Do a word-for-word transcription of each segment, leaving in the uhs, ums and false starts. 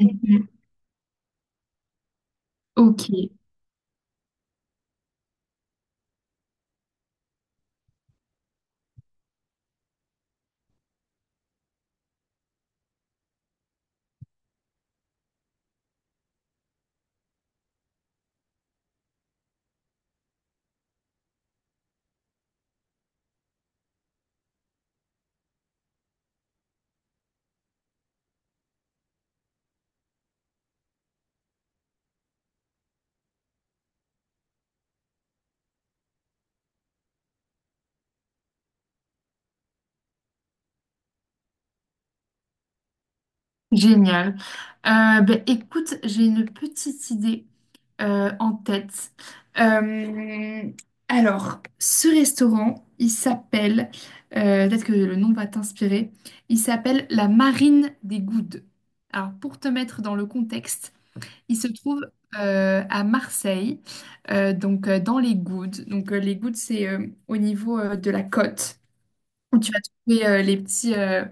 Mhm. Ok, génial. Euh, ben, écoute, j'ai une petite idée euh, en tête. Euh, alors, ce restaurant, il s'appelle, euh, peut-être que le nom va t'inspirer, il s'appelle la Marine des Goudes. Alors, pour te mettre dans le contexte, il se trouve euh, à Marseille, euh, donc euh, dans les Goudes. Donc, euh, les Goudes, c'est euh, au niveau euh, de la côte, où tu vas trouver euh, les petits, euh,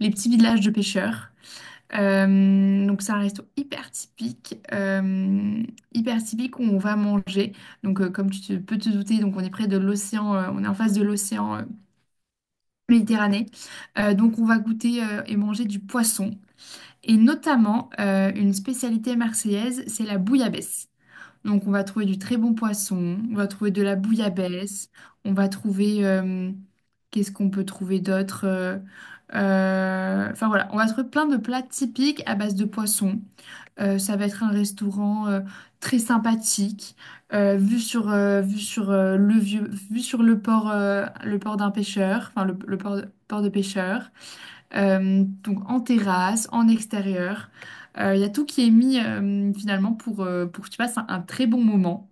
les petits villages de pêcheurs. Euh, donc c'est un resto hyper typique, euh, hyper typique où on va manger. Donc euh, comme tu te- peux te douter, donc on est près de l'océan, euh, on est en face de l'océan euh, Méditerranée. Euh, donc on va goûter euh, et manger du poisson. Et notamment euh, une spécialité marseillaise, c'est la bouillabaisse. Donc, on va trouver du très bon poisson, on va trouver de la bouillabaisse, on va trouver... euh, qu'est-ce qu'on peut trouver d'autre euh, euh, Enfin, voilà, on va trouver plein de plats typiques à base de poisson. Euh, ça va être un restaurant euh, très sympathique, euh, vu sur, euh, vu sur, euh, le vieux, vu sur le port, euh, le port d'un pêcheur, enfin le, le port, de port de pêcheur. Euh, donc en terrasse, en extérieur. Euh, Il y a tout qui est mis euh, finalement pour, euh, pour que tu passes un, un très bon moment.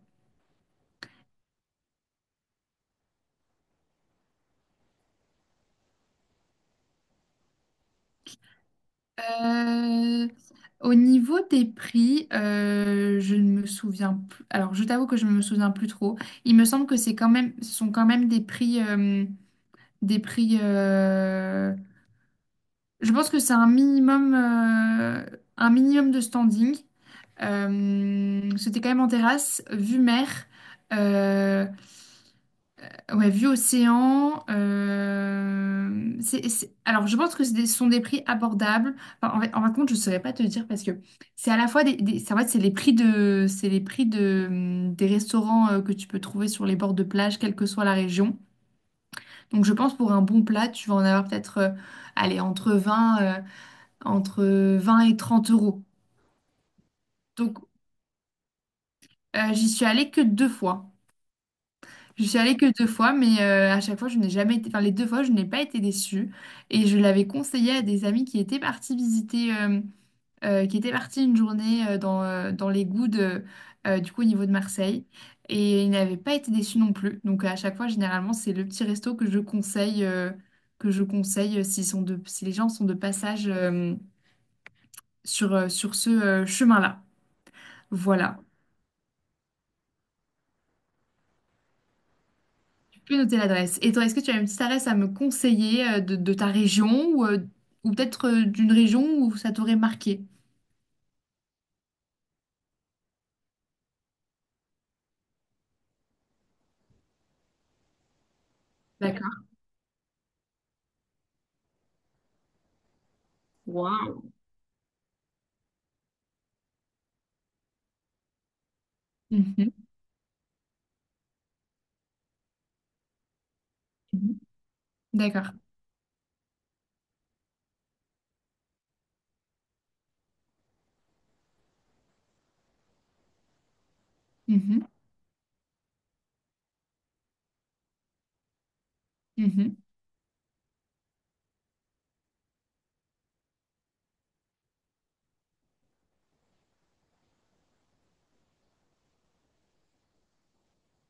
Euh, Au niveau des prix, euh, je ne me souviens plus. Alors je t'avoue que je ne me souviens plus trop. Il me semble que c'est quand même, ce sont quand même des prix, euh, des prix. euh, Je pense que c'est un minimum, euh, un minimum de standing. Euh, c'était quand même en terrasse, vue mer. Euh, Ouais, vue océan. euh, c'est, c'est- Alors, je pense que c'est des- ce sont des prix abordables. Enfin, en fait, en fin de compte, je ne saurais pas te dire parce que c'est à la fois des, des- c'est- en fait, c'est les prix de, c'est les prix de, hum, des restaurants euh, que tu peux trouver sur les bords de plage, quelle que soit la région. Donc, je pense pour un bon plat, tu vas en avoir peut-être, euh, allez, entre vingt, euh, entre vingt et trente euros. Donc, euh, j'y suis allée que deux fois. Je suis allée que deux fois, mais euh, à chaque fois, je n'ai jamais été. Enfin, les deux fois, je n'ai pas été déçue. Et je l'avais conseillé à des amis qui étaient partis visiter, euh, euh, qui étaient partis une journée euh, dans, euh, dans les Goudes, euh, euh, du coup, au niveau de Marseille. Et ils n'avaient pas été déçus non plus. Donc, à chaque fois, généralement, c'est le petit resto que je conseille, euh, que je conseille euh, s'ils sont de, si les gens sont de passage euh, sur, euh, sur ce euh, chemin-là. Voilà. Peux noter l'adresse. Et toi, est-ce que tu as une petite adresse à me conseiller euh, de, de ta région ou, euh, ou peut-être euh, d'une région où ça t'aurait marqué? D'accord. Waouh. Mhm. Mhm. D'accord. Mhm. Mhm.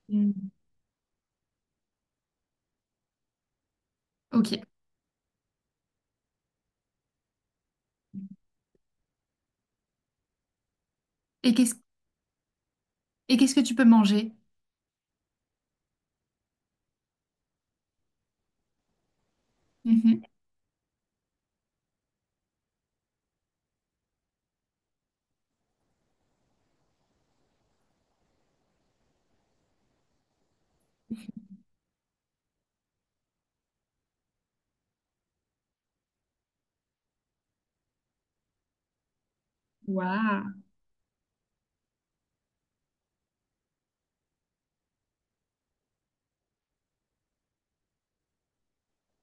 Mhm. Ok. Et qu'est-ce et qu'est-ce que tu peux manger? Mhm. Waouh.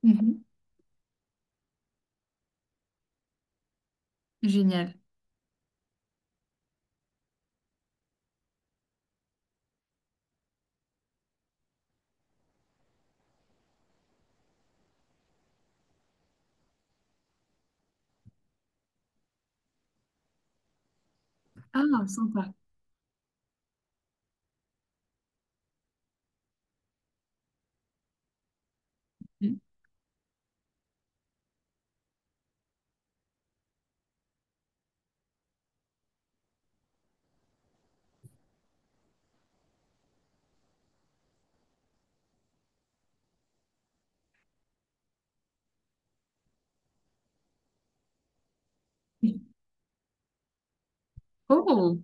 Mhm. Génial. Ah, sympa. Mhm. Oh,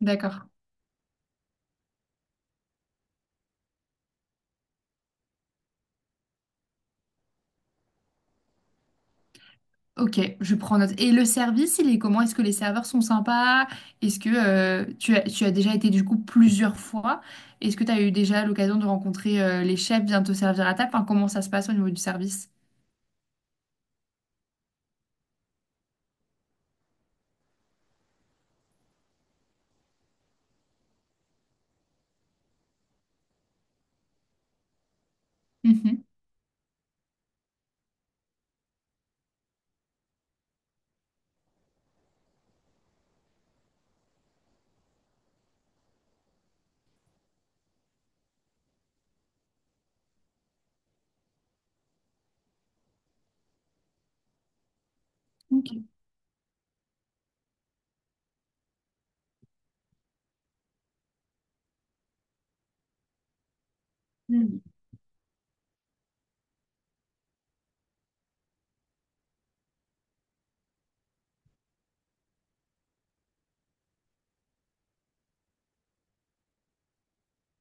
d'accord. Ok, je prends note. Et le service, il est comment? Est-ce que les serveurs sont sympas? Est-ce que euh, tu as, tu as déjà été du coup plusieurs fois? Est-ce que tu as eu déjà l'occasion de rencontrer euh, les chefs, bien te servir à table? Enfin, comment ça se passe au niveau du service? Mhm. Ok. Mm.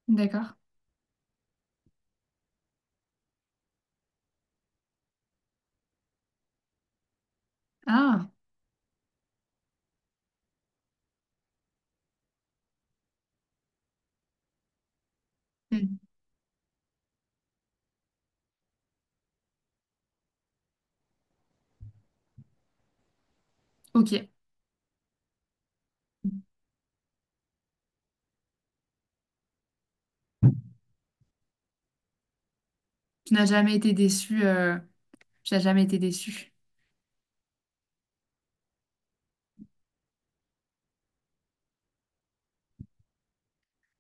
D'accord. Ah, hmm, ok. Tu n'as jamais été déçu. euh, Tu n'as jamais été déçu.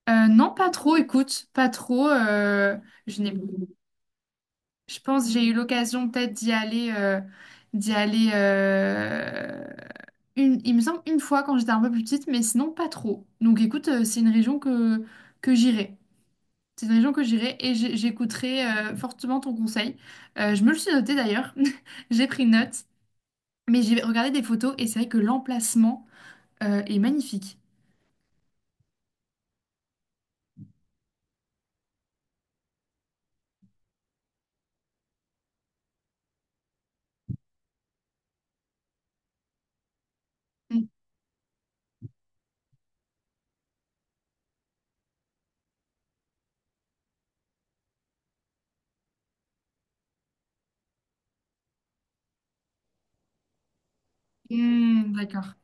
Euh, non, pas trop, écoute, pas trop. Euh, je n'ai Je pense que j'ai eu l'occasion peut-être d'y aller, euh, d'y aller euh, une, il me semble une fois quand j'étais un peu plus petite, mais sinon pas trop. Donc écoute, euh, c'est une région que, que j'irai. C'est une région que j'irai et j'ai- j'écouterai euh, fortement ton conseil. Euh, je me le suis noté d'ailleurs, j'ai pris note, mais j'ai regardé des photos et c'est vrai que l'emplacement euh, est magnifique. Mm. Mm, d'accord.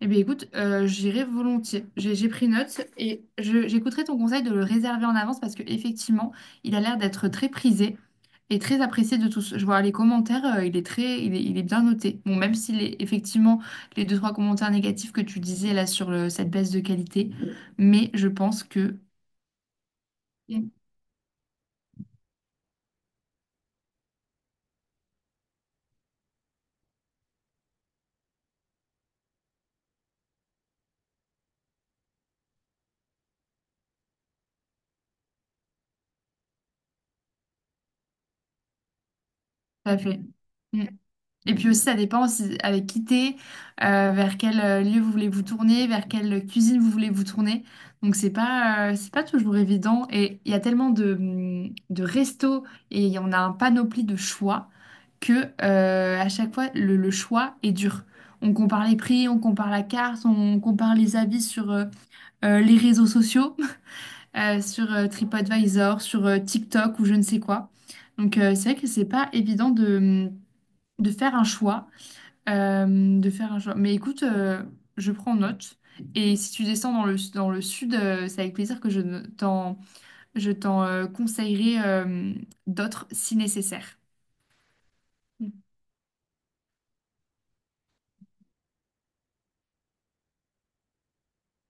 Eh bien, écoute, euh, j'irai volontiers. J'ai j'ai pris note et je- j'écouterai ton conseil de le réserver en avance parce que effectivement, il a l'air d'être très prisé et très apprécié de tous. Je vois les commentaires, euh, il est très, il est, il est bien noté. Bon, même s'il est effectivement les deux, trois commentaires négatifs que tu disais là sur le- cette baisse de qualité, mais je pense que... Mm. Tout à fait. Mm. Et puis aussi, ça dépend aussi avec qui t'es, euh, vers quel euh, lieu vous voulez vous tourner, vers quelle cuisine vous voulez vous tourner. Donc c'est pas, euh, c'est pas toujours évident. Et il y a tellement de, hum, de restos et on a un panoplie de choix que euh, à chaque fois le, le choix est dur. On compare les prix, on compare la carte, on compare les avis sur euh, euh, les réseaux sociaux, euh, sur euh, TripAdvisor, sur euh, TikTok ou je ne sais quoi. Donc euh, c'est vrai que c'est pas évident de, hum, de faire un choix. Euh, de faire un choix. Mais écoute, euh, je prends note. Et si tu descends dans le, dans le sud, euh, c'est avec plaisir que je ne- t'en, je t'en euh, conseillerai euh, d'autres si nécessaire.